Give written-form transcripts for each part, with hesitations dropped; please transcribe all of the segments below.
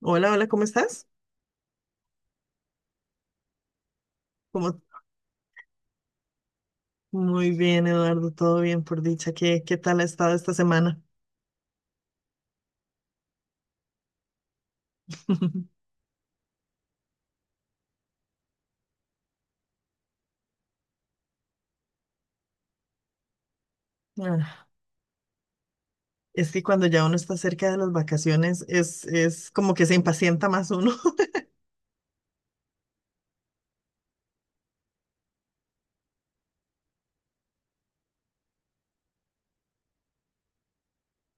Hola, hola, ¿cómo estás? ¿Cómo- Muy bien, Eduardo, todo bien por dicha. ¿Qué tal ha estado esta semana? Ah, es que cuando ya uno está cerca de las vacaciones es como que se impacienta más uno.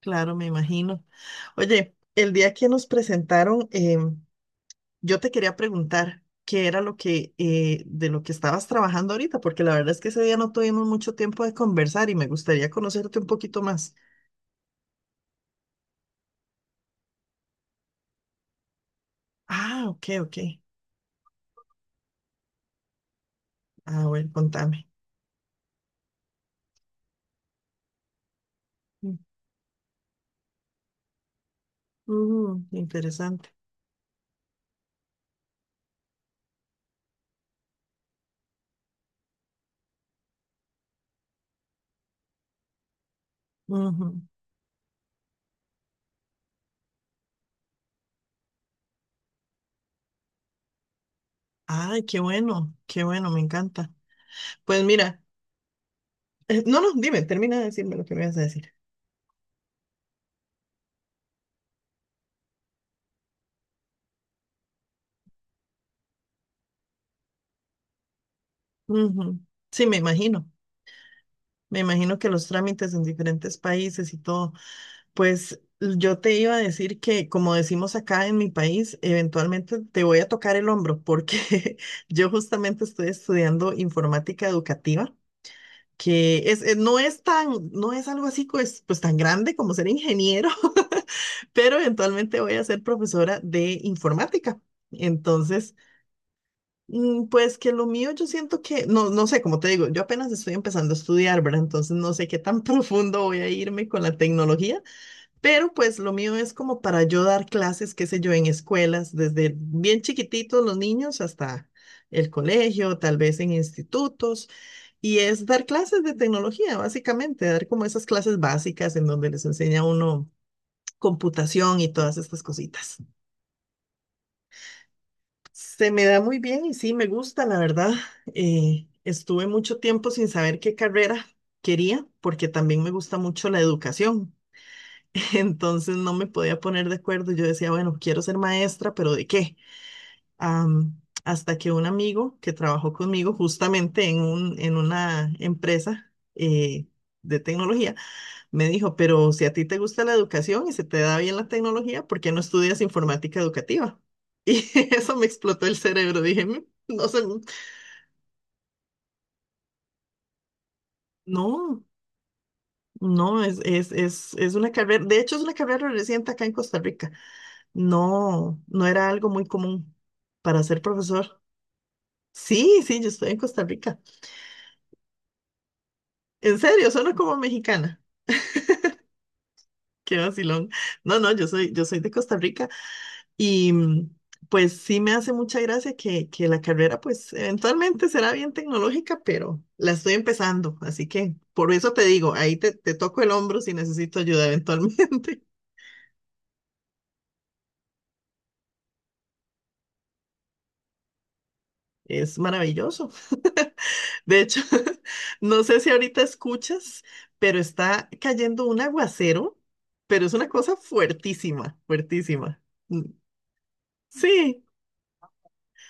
Claro, me imagino. Oye, el día que nos presentaron, yo te quería preguntar qué era lo que de lo que estabas trabajando ahorita, porque la verdad es que ese día no tuvimos mucho tiempo de conversar y me gustaría conocerte un poquito más. Ah, ok, ok. Ah, bueno, contame. Mm, interesante. Ujú. Ay, qué bueno, me encanta. Pues mira, no, no, dime, termina de decirme lo que me vas a decir. Ujú. Sí, me imagino que los trámites en diferentes países y todo, pues yo te iba a decir que como decimos acá en mi país, eventualmente te voy a tocar el hombro porque yo justamente estoy estudiando informática educativa. Que es, no es tan, no es algo así pues tan grande como ser ingeniero, pero eventualmente voy a ser profesora de informática. Entonces, mm, pues que lo mío yo siento que, no, no sé, como te digo, yo apenas estoy empezando a estudiar, ¿verdad? Entonces no sé qué tan profundo voy a irme con la tecnología, pero pues lo mío es como para yo dar clases, qué sé yo, en escuelas, desde bien chiquititos los niños hasta el colegio, tal vez en institutos, y es dar clases de tecnología, básicamente, dar como esas clases básicas en donde les enseña a uno computación y todas estas cositas. Se me da muy bien y sí, me gusta, la verdad. Estuve mucho tiempo sin saber qué carrera quería, porque también me gusta mucho la educación. Entonces no me podía poner de acuerdo. Yo decía, bueno, quiero ser maestra, pero ¿de qué? Hasta que un amigo que trabajó conmigo justamente en una empresa de tecnología, me dijo, pero si a ti te gusta la educación y se te da bien la tecnología, ¿por qué no estudias informática educativa? Y eso me explotó el cerebro. Dije, "Mm, no sé, mm". No, no, es una carrera, de hecho es una carrera reciente acá en Costa Rica. No, no era algo muy común para ser profesor. Sí, sí, yo estoy en Costa Rica. En serio, suena como mexicana. Qué vacilón. No, no, yo soy de Costa Rica. Y mm, pues sí me hace mucha gracia que la carrera pues eventualmente será bien tecnológica, pero la estoy empezando, así que por eso te digo, ahí te toco el hombro si necesito ayuda eventualmente. Es maravilloso. De hecho, no sé si ahorita escuchas, pero está cayendo un aguacero, pero es una cosa fuertísima, fuertísima. Mm, sí,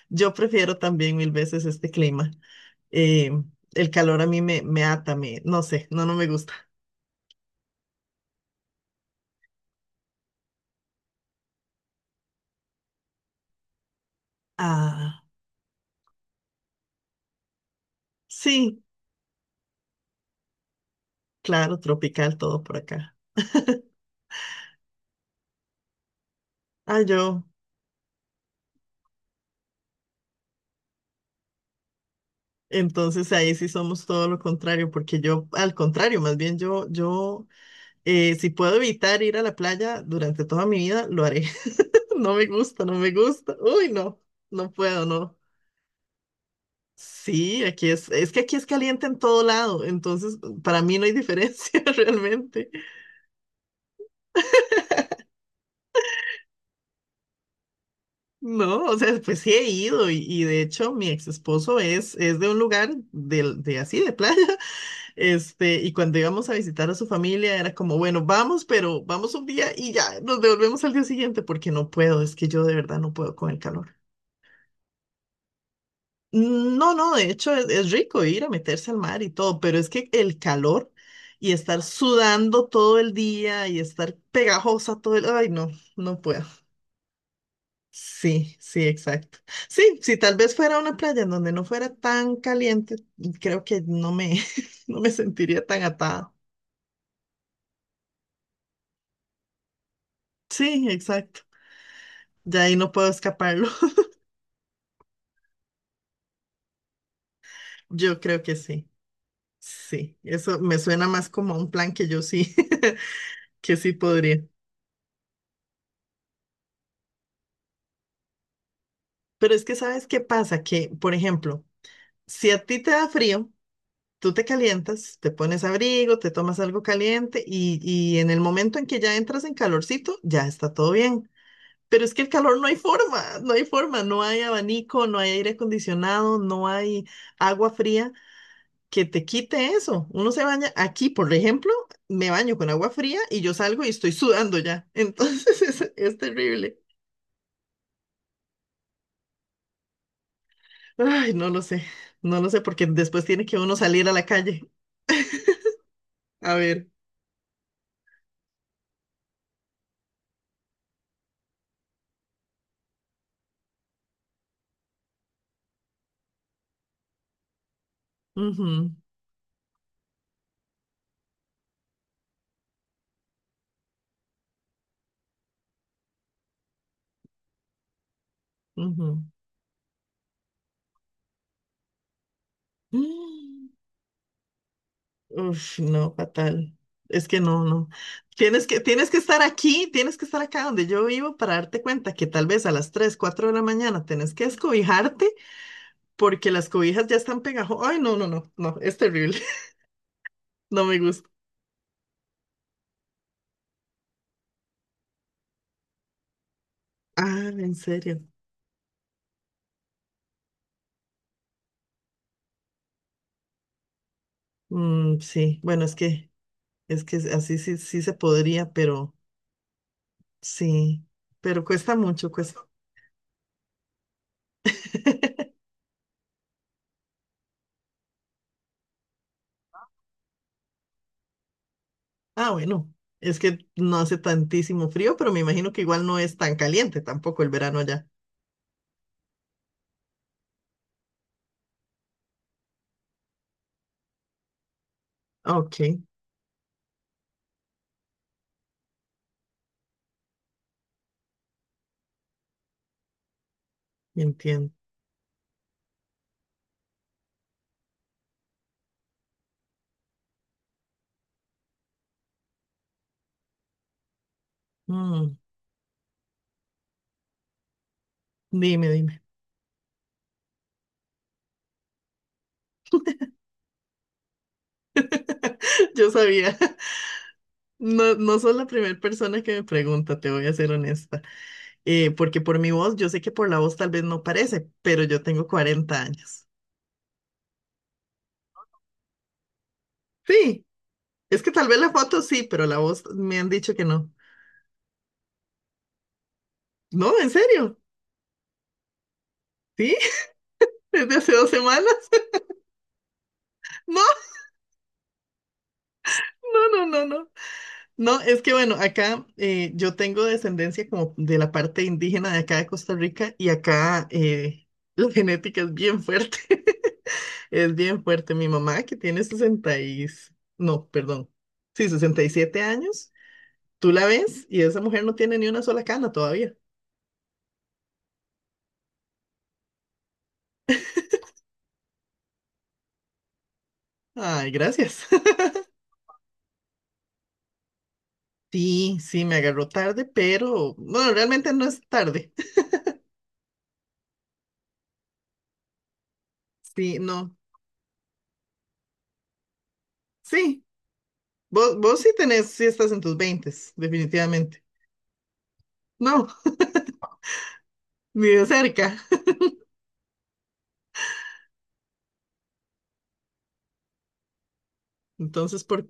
yo prefiero también mil veces este clima. Eh, el calor a mí me ata, me, no sé, no, no me gusta. Ah, sí, claro, tropical todo por acá. Ah, yo, entonces ahí sí somos todo lo contrario, porque yo, al contrario, más bien si puedo evitar ir a la playa durante toda mi vida, lo haré. No me gusta, no me gusta. Uy, no, no puedo, no. Sí, aquí es que aquí es caliente en todo lado, entonces para mí no hay diferencia realmente. No, o sea, pues sí he ido y de hecho mi ex esposo es de un lugar de así, de playa, este, y cuando íbamos a visitar a su familia era como, bueno, vamos, pero vamos un día y ya nos devolvemos al día siguiente porque no puedo, es que yo de verdad no puedo con el calor. No, no, de hecho es rico ir a meterse al mar y todo, pero es que el calor y estar sudando todo el día y estar pegajosa todo el, ay, no, no puedo. Sí, sí, exacto. Sí, si tal vez fuera una playa en donde no fuera tan caliente, creo que no me, no me sentiría tan atada. Sí, exacto. Ya ahí no puedo escaparlo. Yo creo que sí. Sí, eso me suena más como a un plan que yo sí, que sí podría. Pero es que ¿sabes qué pasa? Que, por ejemplo, si a ti te da frío, tú te calientas, te pones abrigo, te tomas algo caliente y en el momento en que ya entras en calorcito, ya está todo bien. Pero es que el calor no hay forma, no hay forma, no hay abanico, no hay aire acondicionado, no hay agua fría que te quite eso. Uno se baña aquí, por ejemplo, me baño con agua fría y yo salgo y estoy sudando ya. Entonces es terrible. Ay, no lo sé, no lo sé porque después tiene que uno salir a la calle. A ver. Ujú, ujú. Uf, no, fatal. Es que no, no. Tienes que estar aquí, tienes que estar acá donde yo vivo para darte cuenta que tal vez a las 3, 4 de la mañana tenés que escobijarte porque las cobijas ya están pegajosas. Ay, no, no, no, no, es terrible. No me gusta. Ah, en serio. Mm, sí, bueno, es que así sí, sí se podría, pero sí, pero cuesta mucho, cuesta. Ah, bueno, es que no hace tantísimo frío, pero me imagino que igual no es tan caliente tampoco el verano allá. Ok. Entiendo. Mm, dime, dime. Yo sabía. No, no sos la primera persona que me pregunta, te voy a ser honesta. Porque por mi voz, yo sé que por la voz tal vez no parece, pero yo tengo 40 años. Sí, es que tal vez la foto sí, pero la voz me han dicho que no. No, en serio. Sí, desde hace 2 semanas. No, no, no, no, no. No, es que bueno, acá yo tengo descendencia como de la parte indígena de acá de Costa Rica y acá la genética es bien fuerte. Es bien fuerte. Mi mamá, que tiene 60 y... No, perdón. Sí, 67 años. Tú la ves y esa mujer no tiene ni una sola cana todavía. Ay, gracias. Sí, sí, me agarró tarde, pero bueno, realmente no es tarde. Sí, no. Sí, vos sí tenés, sí estás en tus veintes definitivamente. No, ni de cerca. Entonces, ¿por,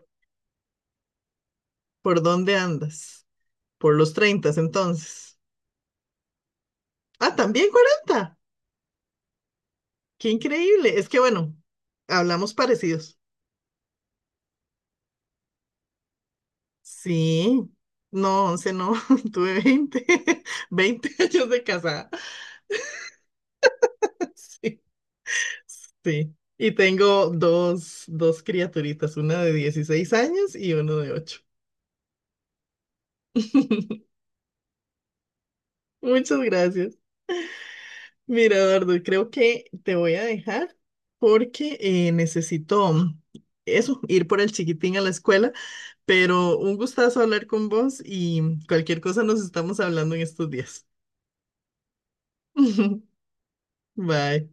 por dónde andas? Por los treintas entonces. Ah, también 40. Qué increíble. Es que bueno, hablamos parecidos. Sí, no, 11 no, tuve 20 20 años de casada. Sí, sí. Y tengo dos criaturitas, una de 16 años y uno de 8. Muchas gracias. Mira, Eduardo, creo que te voy a dejar porque necesito mm, eso, ir por el chiquitín a la escuela, pero un gustazo hablar con vos y cualquier cosa nos estamos hablando en estos días. Bye.